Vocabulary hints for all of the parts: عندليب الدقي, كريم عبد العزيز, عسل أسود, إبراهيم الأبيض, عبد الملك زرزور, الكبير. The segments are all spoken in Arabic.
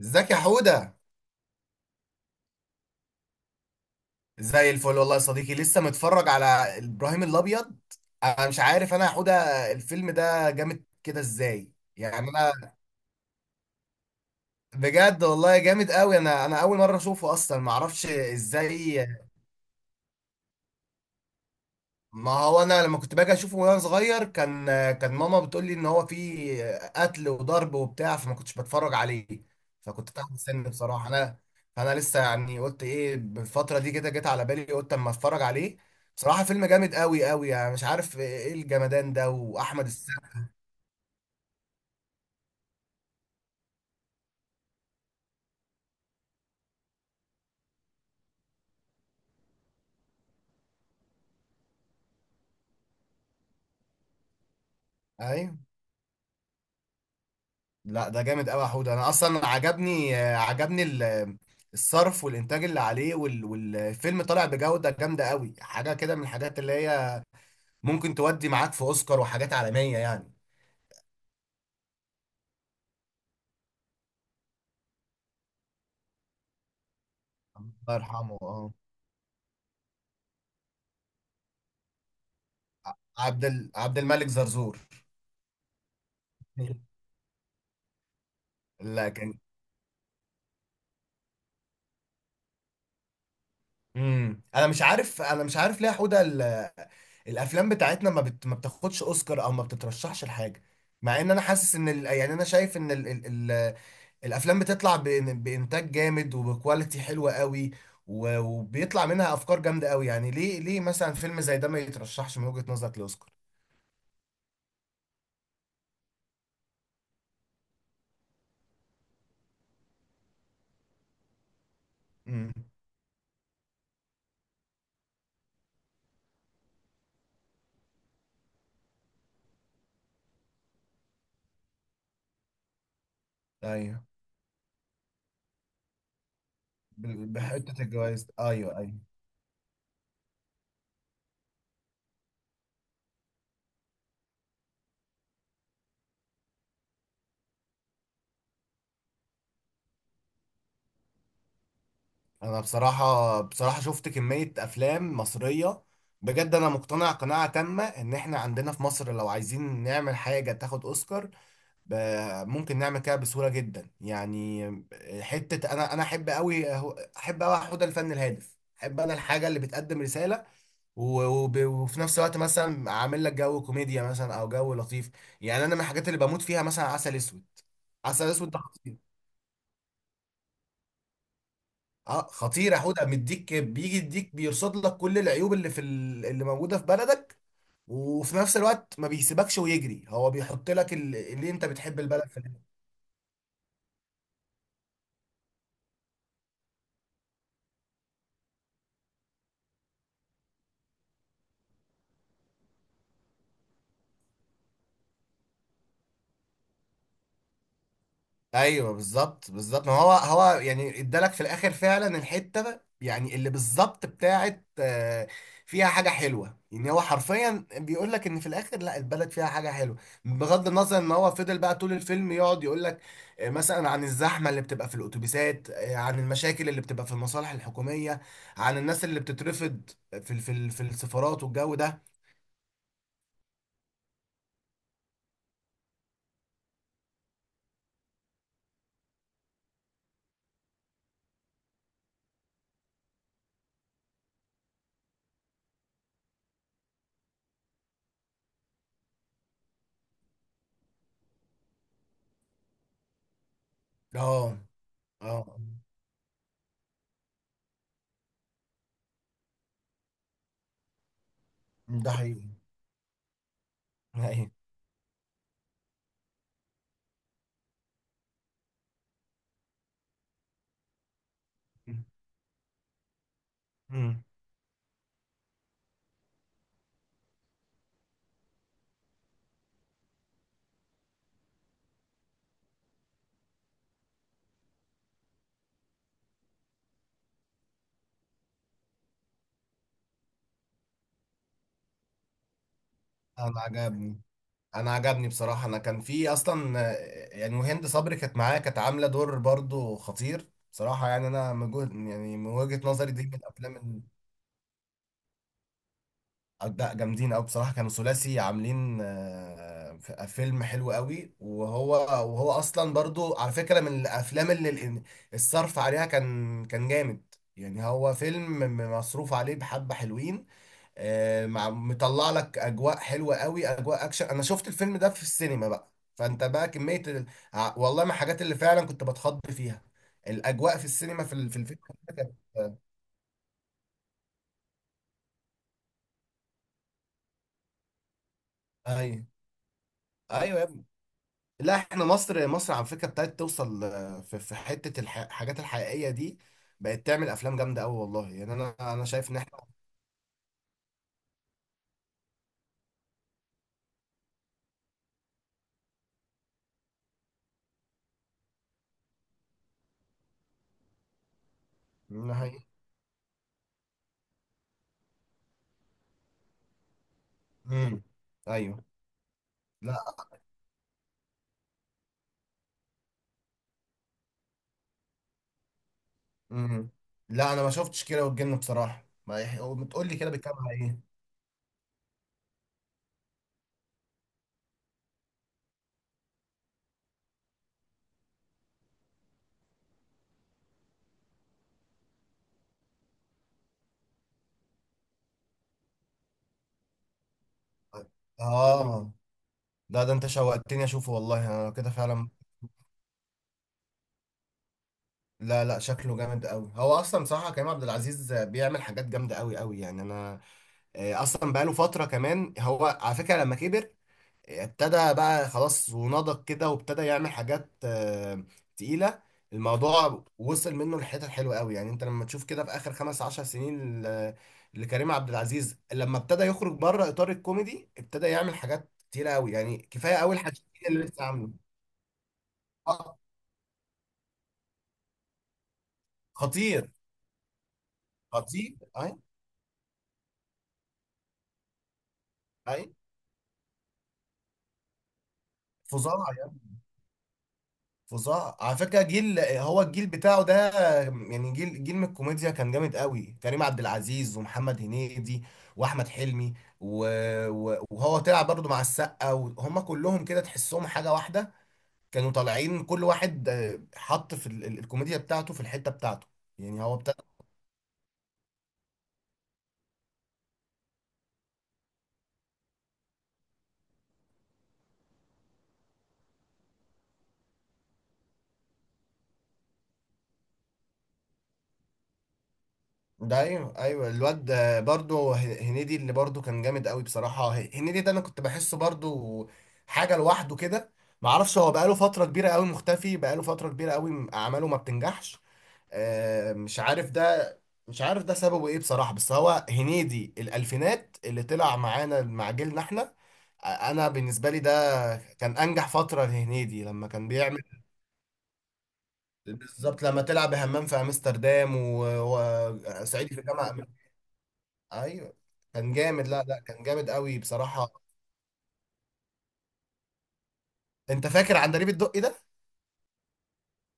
ازيك يا حودة؟ زي الفل والله يا صديقي، لسه متفرج على ابراهيم الابيض. انا مش عارف انا يا حودة، الفيلم ده جامد كده ازاي؟ يعني انا بجد والله جامد قوي. انا اول مرة اشوفه اصلا، ما اعرفش ازاي. ما هو انا لما كنت باجي اشوفه وانا صغير، كان ماما بتقول لي ان هو فيه قتل وضرب وبتاع، فما كنتش بتفرج عليه. فكنت تحت السن بصراحه انا. فانا لسه يعني قلت ايه، بالفتره دي كده جت على بالي قلت اما اتفرج عليه. بصراحه فيلم جامد قوي قوي يعني، مش عارف ايه الجمدان ده، واحمد السقا. ايوه. لا، ده جامد قوي يا حوده. انا اصلا عجبني عجبني الصرف والانتاج اللي عليه، والفيلم طالع بجوده جامده قوي، حاجه كده من الحاجات اللي هي ممكن تودي معاك في اوسكار وحاجات عالميه يعني. الله يرحمه، اه. عبد الملك زرزور. لا. انا مش عارف، انا مش عارف ليه يا حوده، الافلام بتاعتنا ما، ما بتاخدش اوسكار او ما بتترشحش لحاجه، مع ان انا حاسس ان يعني انا شايف ان الافلام بتطلع بانتاج جامد وبكواليتي حلوه قوي، وبيطلع منها افكار جامده قوي. يعني ليه، ليه مثلا فيلم زي ده ما يترشحش من وجهه نظرك لاوسكار؟ امم ايوه. ب... بحته الجوائز، ايوه ايوه. انا بصراحه بصراحه شفت كميه افلام مصريه، بجد انا مقتنع قناعه تامه ان احنا عندنا في مصر لو عايزين نعمل حاجه تاخد اوسكار، ممكن نعمل كده بسهوله جدا يعني. حته انا احب قوي، احب قوي، احب الفن الهادف، احب انا الحاجه اللي بتقدم رساله، وفي نفس الوقت مثلا عامل لك جو كوميديا مثلا او جو لطيف. يعني انا من الحاجات اللي بموت فيها مثلا عسل اسود. عسل اسود ده خطير. اه، خطير يا حوده. مديك بيجي يديك بيرصد لك كل العيوب اللي في اللي موجوده في بلدك، وفي نفس الوقت ما بيسيبكش ويجري، هو بيحط لك اللي انت بتحب البلد في. ايوه بالظبط، بالظبط. ما هو هو يعني ادالك في الاخر فعلا الحته، يعني اللي بالظبط بتاعت فيها حاجه حلوه. يعني هو حرفيا بيقول لك ان في الاخر لا، البلد فيها حاجه حلوه، بغض النظر ان هو فضل بقى طول الفيلم يقعد يقول لك مثلا عن الزحمه اللي بتبقى في الاتوبيسات، عن المشاكل اللي بتبقى في المصالح الحكوميه، عن الناس اللي بتترفض في في السفارات والجو ده. اه اه. ده حقيقي. ده حقيقي. مم. انا عجبني، بصراحه. انا كان في اصلا، يعني وهند صبري كانت معايا، كانت عامله دور برضو خطير بصراحه، يعني انا من يعني من وجهه نظري دي من الافلام لا، جامدين قوي بصراحه. كانوا ثلاثي عاملين فيلم حلو قوي. وهو اصلا برضو على فكره من الافلام اللي الصرف عليها كان جامد. يعني هو فيلم مصروف عليه بحبه حلوين، مع مطلع لك اجواء حلوه قوي، اجواء اكشن. انا شفت الفيلم ده في السينما بقى، فانت بقى كميه والله من الحاجات اللي فعلا كنت بتخض فيها الاجواء في السينما في في الفيلم ده كانت. ايوه ايوه يا ابني. لا، احنا مصر، مصر على فكره ابتدت توصل في حته الحاجات الحقيقيه دي، بقت تعمل افلام جامده قوي والله. يعني انا شايف ان احنا نهاية. امم ايوه. لا. امم لا، انا ما شفتش كده والجن بصراحه، ما يح... تقول لي كده بيتكلم على ايه. اه، لا ده انت شوقتني اشوفه والله، انا لو كده فعلا لا لا، شكله جامد قوي. هو اصلا صراحه كريم عبد العزيز بيعمل حاجات جامده قوي قوي يعني. انا اصلا بقاله فتره، كمان هو على فكره لما كبر، ابتدى بقى خلاص ونضج كده، وابتدى يعمل حاجات تقيله. الموضوع وصل منه لحتت حلوه قوي، يعني انت لما تشوف كده في اخر 15 سنين لكريم عبد العزيز، لما ابتدى يخرج بره اطار الكوميدي، ابتدى يعمل حاجات كتيره قوي يعني كفايه اول حاجه اللي لسه عامله، آه، خطير. خطير اي، اي. فظاعه يعني، فظاعه على فكره. جيل، هو الجيل بتاعه ده يعني، جيل جيل من الكوميديا كان جامد قوي. كريم عبد العزيز ومحمد هنيدي واحمد حلمي، و... وهو طلع برضه مع السقا، وهم كلهم كده تحسهم حاجه واحده. كانوا طالعين كل واحد حط في الكوميديا بتاعته في الحته بتاعته، يعني هو ده. ايوه ايوه، الواد برضو هنيدي اللي برضو كان جامد قوي بصراحه. هنيدي ده انا كنت بحسه برضو حاجه لوحده كده. ما اعرفش، هو بقاله فتره كبيره قوي مختفي، بقاله فتره كبيره قوي، اعماله ما بتنجحش. مش عارف ده، سببه ايه بصراحه. بس هو هنيدي الالفينات اللي طلع معانا مع جيلنا احنا، انا بالنسبه لي ده كان انجح فتره لهنيدي، لما كان بيعمل بالظبط لما تلعب همام في امستردام وسعيدي في الجامعه. ايوه كان جامد. لا لا، كان جامد قوي بصراحه. انت فاكر عندليب الدقي ده؟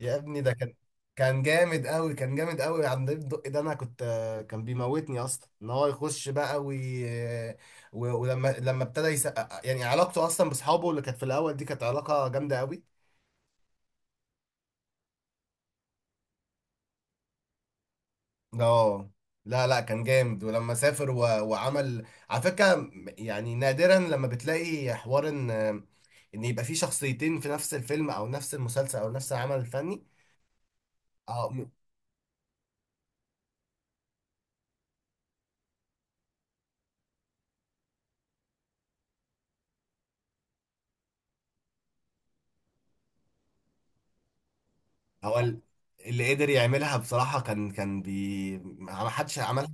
يا ابني ده كان، كان جامد قوي. عندليب الدقي ده انا كنت، كان بيموتني اصلا ان هو يخش بقى ولما ابتدى يسقق، يعني علاقته اصلا باصحابه اللي كانت في الاول دي كانت علاقه جامده قوي. اه، لا لا، كان جامد. ولما سافر، وعمل على فكره، يعني نادرا لما بتلاقي حوار ان يبقى في شخصيتين في نفس الفيلم او نفس المسلسل او نفس العمل الفني. اه، هو اللي قدر يعملها بصراحة، كان ما حدش عملها.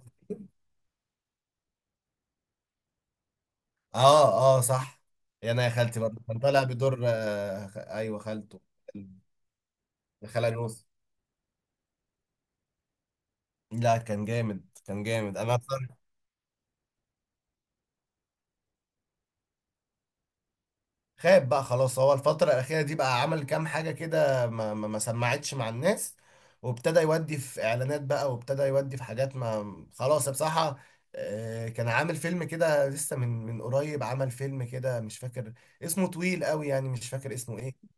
اه اه صح. يعني انا يا خالتي برضه كان طالع بدور آه ايوه خالته. خالة نوس. لا كان جامد، انا. خاب بقى خلاص. هو الفترة الأخيرة دي بقى عمل كام حاجة كده ما سمعتش مع الناس، وابتدى يودي في إعلانات بقى، وابتدى يودي في حاجات. ما خلاص بصراحة. كان عامل فيلم كده لسه من قريب، عمل فيلم كده مش فاكر اسمه، طويل قوي يعني مش فاكر اسمه ايه.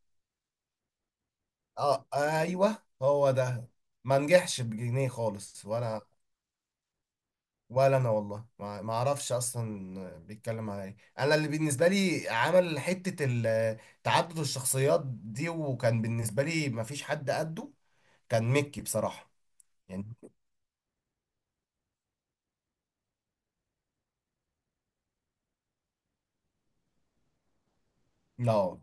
اه ايوه هو ده. ما نجحش بجنيه خالص ولا. ولا انا والله ما اعرفش اصلا بيتكلم على ايه. انا اللي بالنسبه لي عمل حته تعدد الشخصيات دي، وكان بالنسبه لي ما فيش حد قده، كان ميكي بصراحه يعني. لا،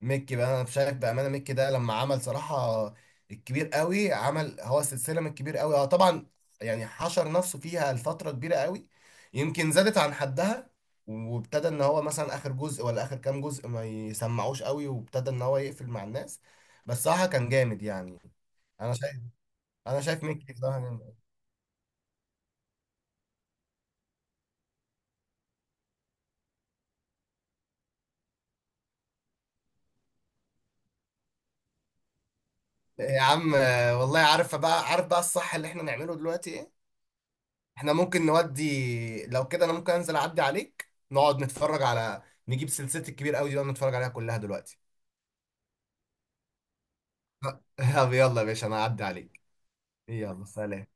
ميكي بقى انا بشارك بامانه. ميكي ده لما عمل صراحه الكبير قوي، عمل هو السلسله من الكبير قوي هو طبعا، يعني حشر نفسه فيها لفتره كبيره قوي، يمكن زادت عن حدها، وابتدى ان هو مثلا اخر جزء ولا اخر كام جزء ما يسمعوش قوي، وابتدى ان هو يقفل مع الناس، بس صراحه كان جامد يعني. انا شايف، ميكي صراحه جامد. يا عم، والله عارف بقى، عارف بقى الصح اللي احنا نعمله دلوقتي ايه؟ احنا ممكن نودي لو كده، انا ممكن انزل اعدي عليك، نقعد نتفرج على، نجيب سلسلة الكبير قوي دي ونقعد نتفرج عليها كلها دلوقتي. طب يلا يا باشا، انا اعدي عليك. يلا سلام.